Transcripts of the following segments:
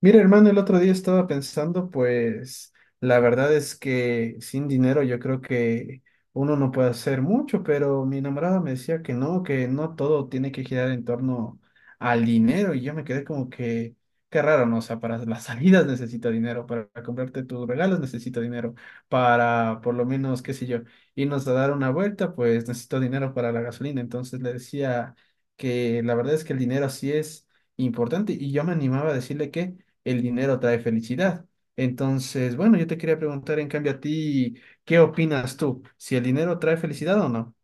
Mira, hermano, el otro día estaba pensando, pues la verdad es que sin dinero yo creo que uno no puede hacer mucho, pero mi enamorada me decía que no todo tiene que girar en torno al dinero y yo me quedé como que, qué raro, ¿no? O sea, para las salidas necesito dinero, para comprarte tus regalos necesito dinero, para por lo menos, qué sé yo, irnos a dar una vuelta, pues necesito dinero para la gasolina. Entonces le decía que la verdad es que el dinero sí es importante y yo me animaba a decirle que el dinero trae felicidad. Entonces, bueno, yo te quería preguntar en cambio a ti, ¿qué opinas tú? ¿Si el dinero trae felicidad o no?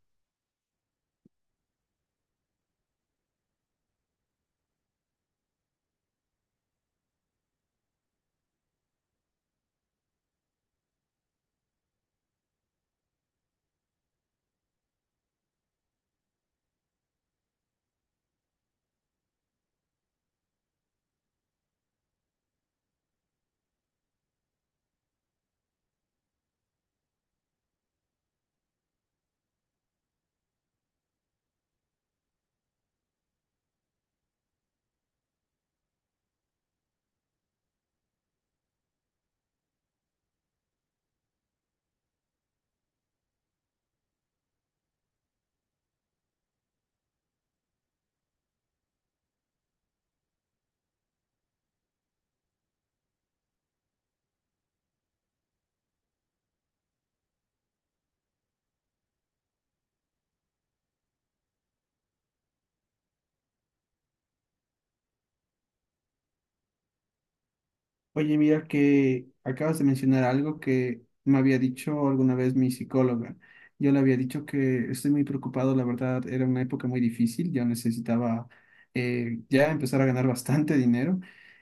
Oye, mira que acabas de mencionar algo que me había dicho alguna vez mi psicóloga. Yo le había dicho que estoy muy preocupado, la verdad, era una época muy difícil, yo necesitaba ya empezar a ganar bastante dinero.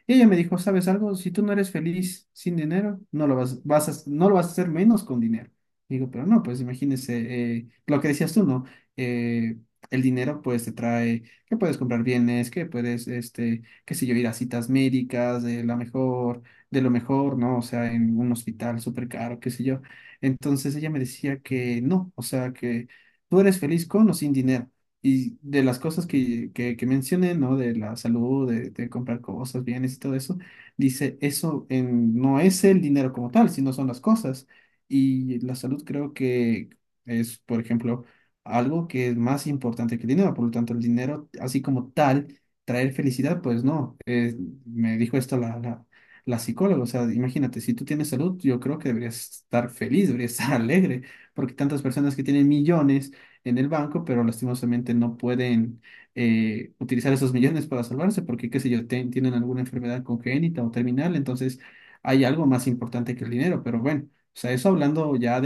Y ella me dijo, ¿sabes algo? Si tú no eres feliz sin dinero, no lo vas, vas a, no lo vas a hacer menos con dinero. Digo, pero no, pues imagínese lo que decías tú, ¿no? Eh, el dinero pues te trae que puedes comprar bienes, que puedes, este, qué sé yo, ir a citas médicas, la mejor de lo mejor, ¿no? O sea, en un hospital súper caro, qué sé yo. Entonces ella me decía que no, o sea, que tú eres feliz con o sin dinero. Y de las cosas que mencioné, ¿no? De la salud, de comprar cosas, bienes y todo eso, dice, no es el dinero como tal, sino son las cosas. Y la salud creo que es, por ejemplo, algo que es más importante que el dinero. Por lo tanto, el dinero, así como tal, traer felicidad, pues no. Me dijo esto la psicóloga. O sea, imagínate, si tú tienes salud, yo creo que deberías estar feliz, deberías estar alegre, porque tantas personas que tienen millones en el banco, pero lastimosamente no pueden utilizar esos millones para salvarse, porque, qué sé yo, tienen alguna enfermedad congénita o terminal, entonces hay algo más importante que el dinero, pero bueno, o sea, eso hablando ya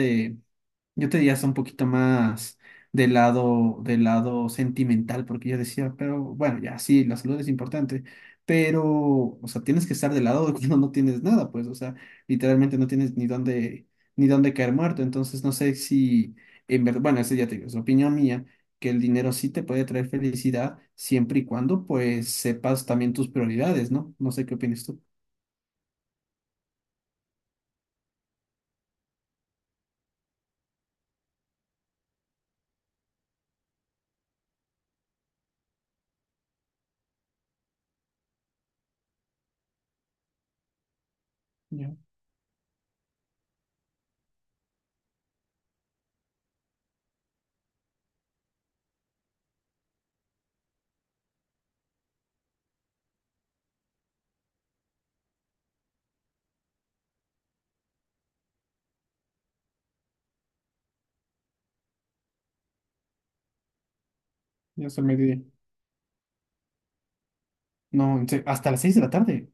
yo te diría hasta un poquito más del lado sentimental, porque yo decía, pero bueno, ya sí, la salud es importante, pero, o sea, tienes que estar del lado de cuando no tienes nada, pues, o sea, literalmente no tienes ni dónde caer muerto. Entonces, no sé si, en verdad, bueno, eso ya te digo, es opinión mía, que el dinero sí te puede traer felicidad siempre y cuando, pues, sepas también tus prioridades, ¿no? No sé qué opinas tú. Ya, ya es el mediodía. No, en serio, hasta las 6 de la tarde.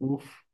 Uf.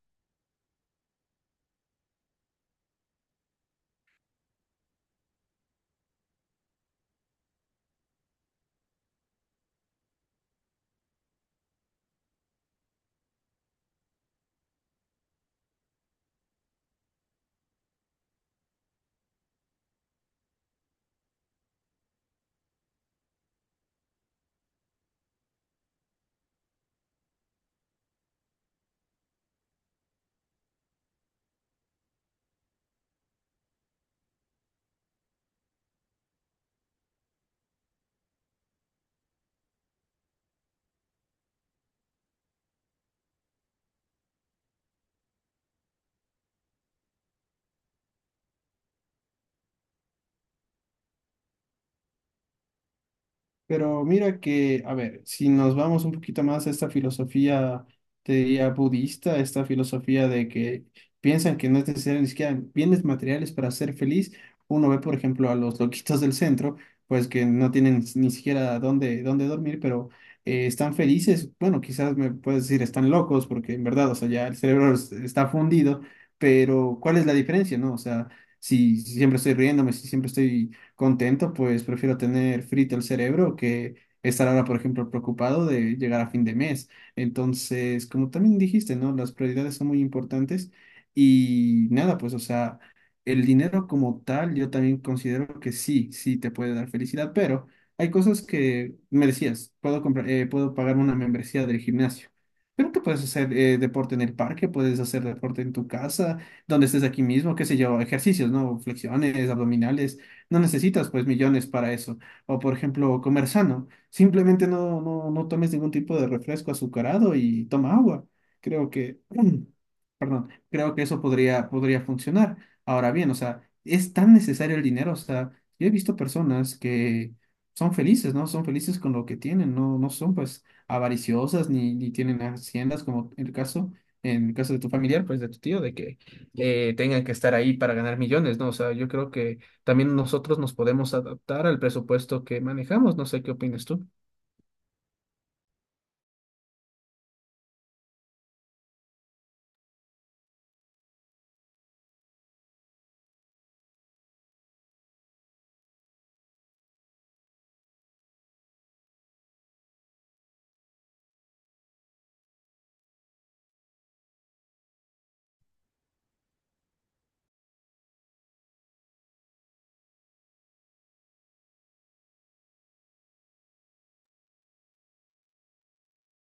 Pero mira que, a ver, si nos vamos un poquito más a esta filosofía, te diría budista, esta filosofía de que piensan que no es necesario ni siquiera bienes materiales para ser feliz, uno ve, por ejemplo, a los loquitos del centro, pues que no tienen ni siquiera dónde dormir, pero están felices. Bueno, quizás me puedes decir están locos, porque en verdad, o sea, ya el cerebro está fundido, pero ¿cuál es la diferencia, no? O sea, si siempre estoy riéndome, si siempre estoy contento, pues prefiero tener frito el cerebro que estar ahora, por ejemplo, preocupado de llegar a fin de mes. Entonces, como también dijiste, ¿no? Las prioridades son muy importantes y nada, pues, o sea, el dinero como tal, yo también considero que sí, sí te puede dar felicidad, pero hay cosas que me decías, puedo comprar, puedo pagar una membresía del gimnasio. Pero que puedes hacer deporte en el parque, puedes hacer deporte en tu casa, donde estés aquí mismo, qué sé yo, ejercicios, ¿no? Flexiones, abdominales no necesitas pues millones para eso. O por ejemplo, comer sano, simplemente no, no, no tomes ningún tipo de refresco azucarado y toma agua. Creo que, perdón, creo que eso podría, podría funcionar. Ahora bien, o sea, es tan necesario el dinero, o sea, yo he visto personas que son felices, ¿no? Son felices con lo que tienen, no, no son pues avariciosas ni tienen haciendas como en el caso de tu familiar, pues de tu tío, de que tengan que estar ahí para ganar millones, ¿no? O sea, yo creo que también nosotros nos podemos adaptar al presupuesto que manejamos. No sé qué opinas tú.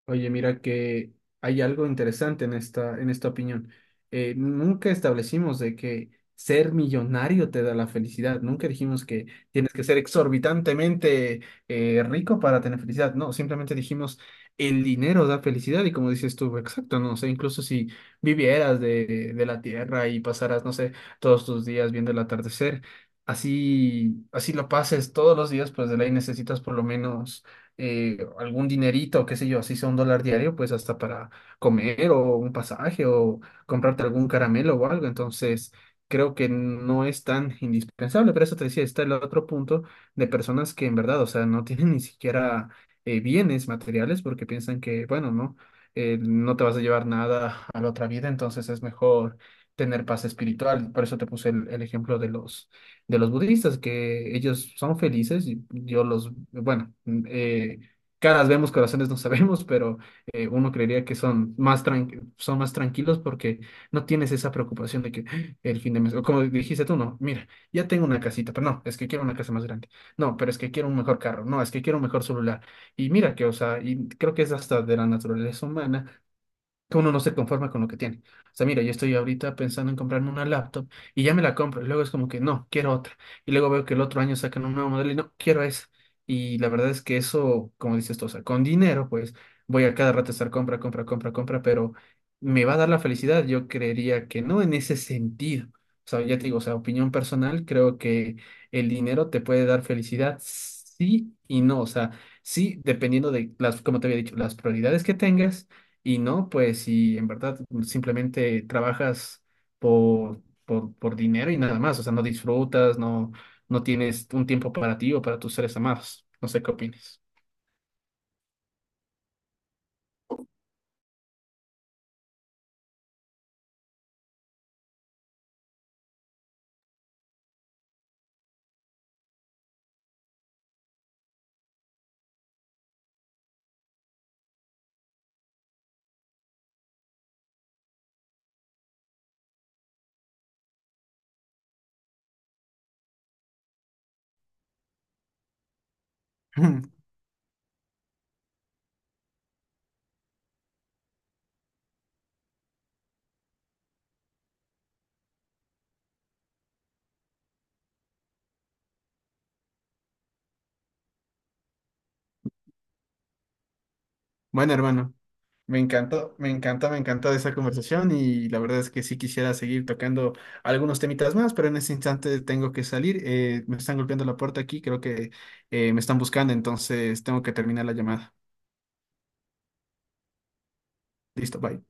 Oye, mira que hay algo interesante en esta opinión. Nunca establecimos de que ser millonario te da la felicidad. Nunca dijimos que tienes que ser exorbitantemente rico para tener felicidad. No, simplemente dijimos el dinero da felicidad y como dices tú, exacto, no sé, incluso si vivieras de la tierra y pasaras, no sé, todos tus días viendo el atardecer, así, así lo pases todos los días, pues de ley necesitas por lo menos algún dinerito, qué sé yo, así sea $1 diario, pues hasta para comer o un pasaje o comprarte algún caramelo o algo. Entonces, creo que no es tan indispensable, pero eso te decía, está el otro punto de personas que en verdad, o sea, no tienen ni siquiera bienes materiales porque piensan que, bueno, no, no te vas a llevar nada a la otra vida, entonces es mejor tener paz espiritual. Por eso te puse el ejemplo de los budistas, que ellos son felices, y yo los, bueno, caras vemos, corazones no sabemos, pero uno creería que son más tranquilos porque no tienes esa preocupación de que ¡ah! El fin de mes, o como dijiste tú, no, mira, ya tengo una casita, pero no, es que quiero una casa más grande, no, pero es que quiero un mejor carro, no, es que quiero un mejor celular, y mira que, o sea, y creo que es hasta de la naturaleza humana que uno no se conforma con lo que tiene. O sea, mira, yo estoy ahorita pensando en comprarme una laptop y ya me la compro. Y luego es como que no, quiero otra. Y luego veo que el otro año sacan un nuevo modelo y no, quiero esa. Y la verdad es que eso, como dices tú, o sea, con dinero, pues voy a cada rato estar compra, compra, compra, compra, pero me va a dar la felicidad. Yo creería que no en ese sentido. O sea, ya te digo, o sea, opinión personal, creo que el dinero te puede dar felicidad, sí y no. O sea, sí, dependiendo de las, como te había dicho, las prioridades que tengas y no, pues si en verdad simplemente trabajas por dinero y nada más, o sea, no disfrutas, no, no tienes un tiempo para ti o para tus seres amados. No sé qué opines. Bueno, hermano, me encantó, me encanta esa conversación y la verdad es que sí quisiera seguir tocando algunos temitas más, pero en este instante tengo que salir. Me están golpeando la puerta aquí, creo que me están buscando, entonces tengo que terminar la llamada. Listo, bye.